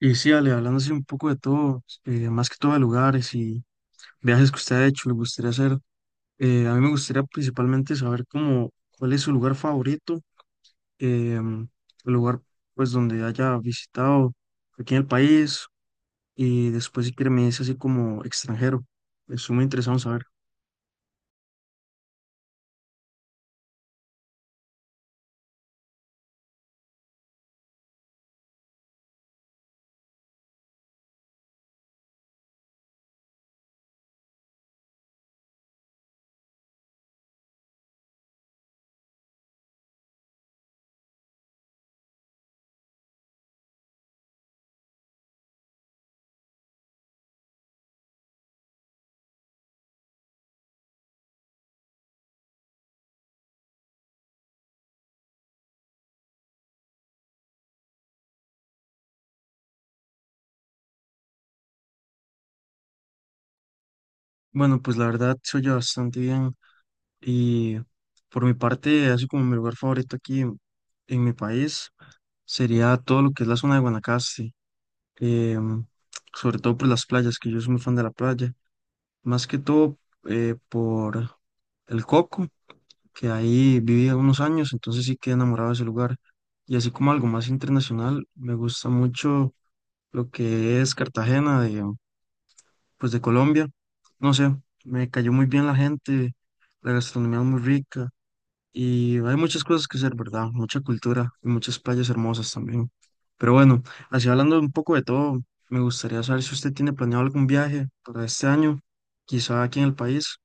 Y sí, Ale, hablando así un poco de todo, más que todo de lugares y viajes que usted ha hecho, le gustaría hacer, a mí me gustaría principalmente saber cómo, cuál es su lugar favorito, em, el lugar pues donde haya visitado aquí en el país y después si quiere me dice así como extranjero, estoy muy interesado en saber. Bueno, pues la verdad se oye bastante bien y por mi parte, así como mi lugar favorito aquí en mi país sería todo lo que es la zona de Guanacaste. em, Sobre todo por las playas, que yo soy muy fan de la playa, más que todo por el Coco, que ahí viví unos años, entonces sí quedé enamorado de ese lugar. Y así como algo más internacional, me gusta mucho lo que es Cartagena pues de Colombia. No sé, me cayó muy bien la gente, la gastronomía es muy rica. Y hay muchas cosas que hacer, ¿verdad? Mucha cultura y muchas playas hermosas también. Pero bueno, así hablando un poco de todo, me gustaría saber si usted tiene planeado algún viaje para este año, quizá aquí en el país.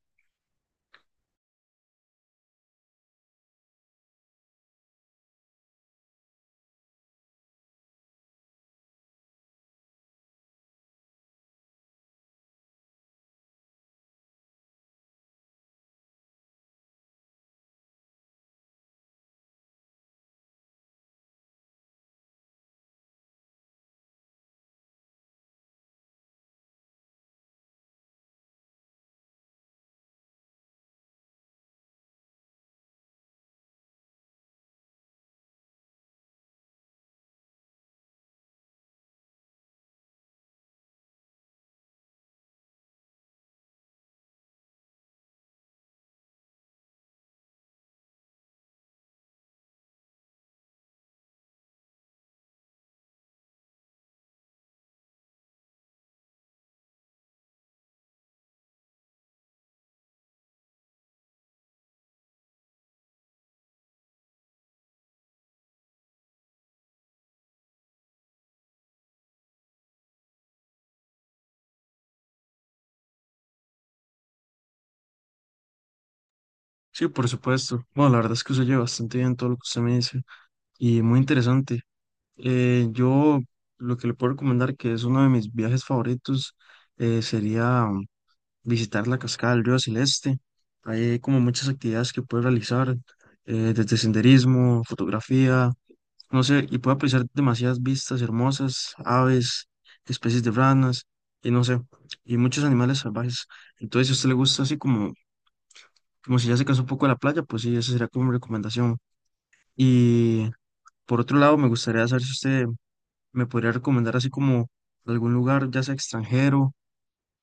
Sí, por supuesto. Bueno, la verdad es que se oye bastante bien todo lo que usted me dice y muy interesante. Yo lo que le puedo recomendar, que es uno de mis viajes favoritos, sería visitar la cascada del río Celeste. Hay como muchas actividades que puede realizar, desde senderismo, fotografía. No sé, y puedo apreciar demasiadas vistas hermosas, aves, especies de ranas, y no sé, y muchos animales salvajes. Entonces, si a usted le gusta así como, como si ya se cansó un poco de la playa, pues sí, esa sería como mi recomendación. Y por otro lado, me gustaría saber si usted me podría recomendar así como algún lugar, ya sea extranjero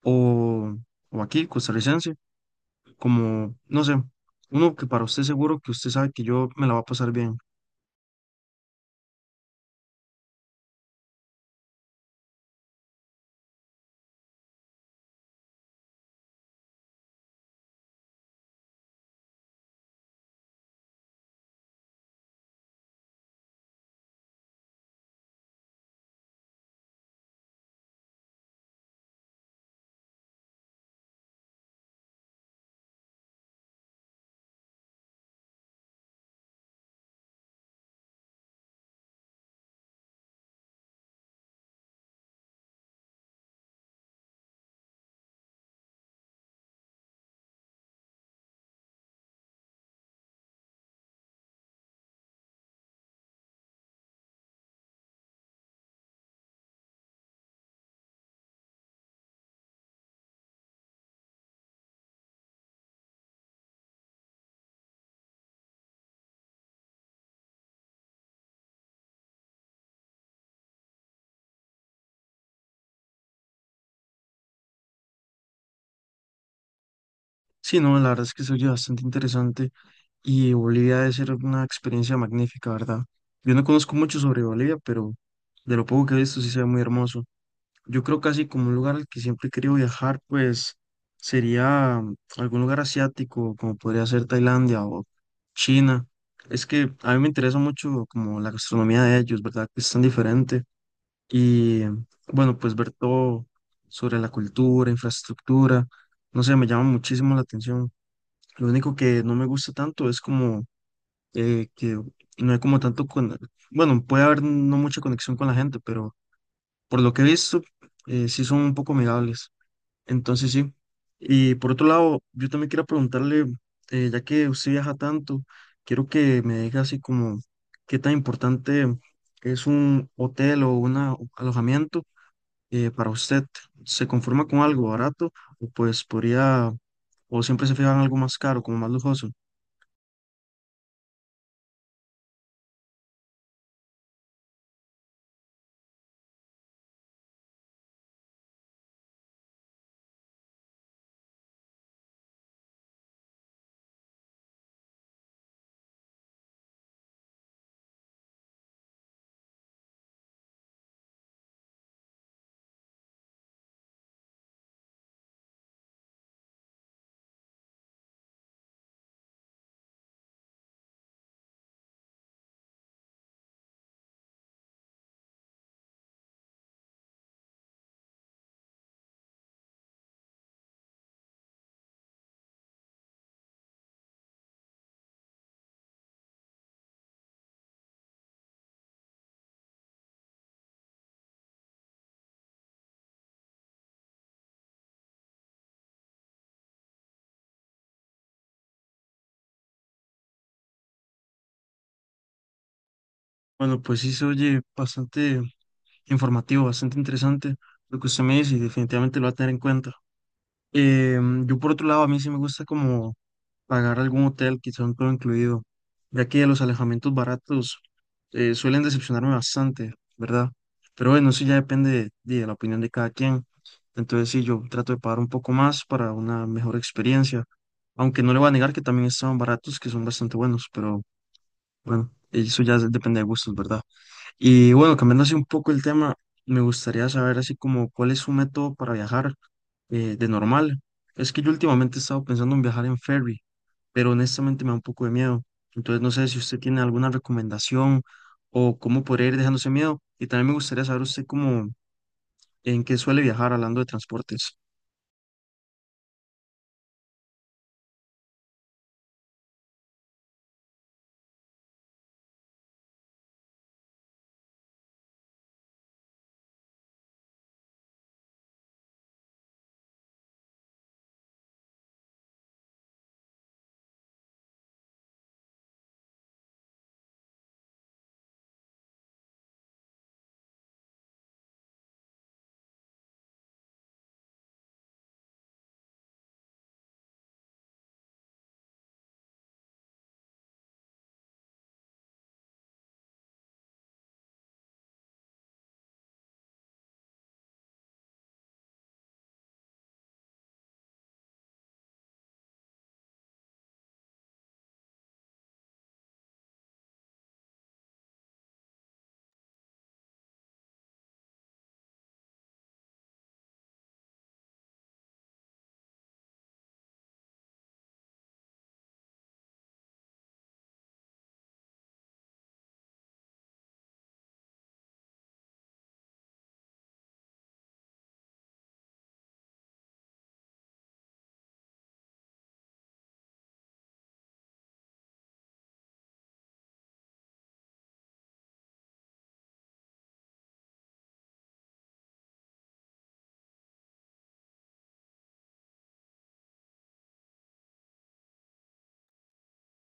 o, o aquí, costarricense, como, no sé, uno que para usted seguro que usted sabe que yo me la va a pasar bien. Sí, no, la verdad es que se oye bastante interesante y Bolivia debe ser una experiencia magnífica, ¿verdad? Yo no conozco mucho sobre Bolivia, pero de lo poco que he visto sí se ve muy hermoso. Yo creo casi como un lugar al que siempre he querido viajar, pues sería algún lugar asiático, como podría ser Tailandia o China. Es que a mí me interesa mucho como la gastronomía de ellos, ¿verdad? Que es tan diferente. Y bueno, pues ver todo sobre la cultura, infraestructura, no sé, me llama muchísimo la atención. Lo único que no me gusta tanto es como que no hay como tanto Bueno, puede haber no mucha conexión con la gente, pero por lo que he visto, sí son un poco amigables. Entonces sí. Y por otro lado, yo también quiero preguntarle, ya que usted viaja tanto, quiero que me diga así como qué tan importante es un hotel o un alojamiento para usted. ¿Se conforma con algo barato o pues podría, o siempre se fija en algo más caro, como más lujoso? Bueno, pues sí se oye bastante informativo, bastante interesante lo que usted me dice y definitivamente lo va a tener en cuenta. Yo por otro lado, a mí sí me gusta como pagar algún hotel, quizá un todo incluido, ya que los alojamientos baratos suelen decepcionarme bastante, ¿verdad? Pero bueno, eso ya depende de la opinión de cada quien. Entonces sí, yo trato de pagar un poco más para una mejor experiencia, aunque no le voy a negar que también están baratos, que son bastante buenos, pero bueno, eso ya depende de gustos, ¿verdad? Y bueno, cambiando así un poco el tema, me gustaría saber así como cuál es su método para viajar de normal. Es que yo últimamente he estado pensando en viajar en ferry, pero honestamente me da un poco de miedo. Entonces no sé si usted tiene alguna recomendación o cómo podría ir dejándose miedo. Y también me gustaría saber usted cómo, en qué suele viajar hablando de transportes.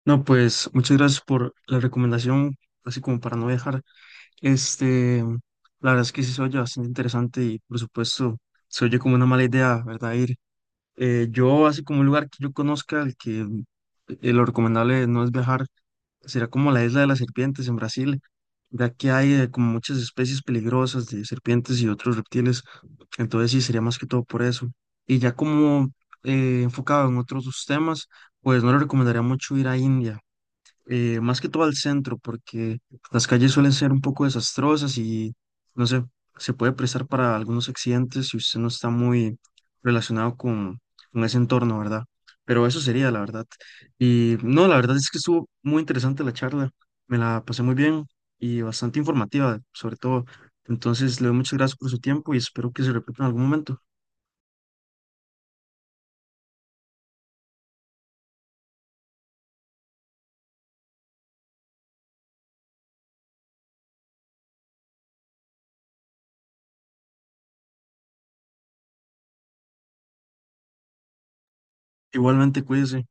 No, pues muchas gracias por la recomendación, así como para no viajar. Este, la verdad es que sí se oye bastante interesante y por supuesto se oye como una mala idea, ¿verdad? Ir. Yo, así como un lugar que yo conozca, el que lo recomendable no es viajar, será como la isla de las serpientes en Brasil, ya que hay como muchas especies peligrosas de serpientes y otros reptiles, entonces sí, sería más que todo por eso. Y ya como enfocado en otros temas, pues no le recomendaría mucho ir a India más que todo al centro, porque las calles suelen ser un poco desastrosas y no sé, se puede prestar para algunos accidentes si usted no está muy relacionado con ese entorno, ¿verdad? Pero eso sería, la verdad. Y no, la verdad es que estuvo muy interesante la charla, me la pasé muy bien y bastante informativa, sobre todo. Entonces, le doy muchas gracias por su tiempo y espero que se repita en algún momento. Igualmente, cuídese.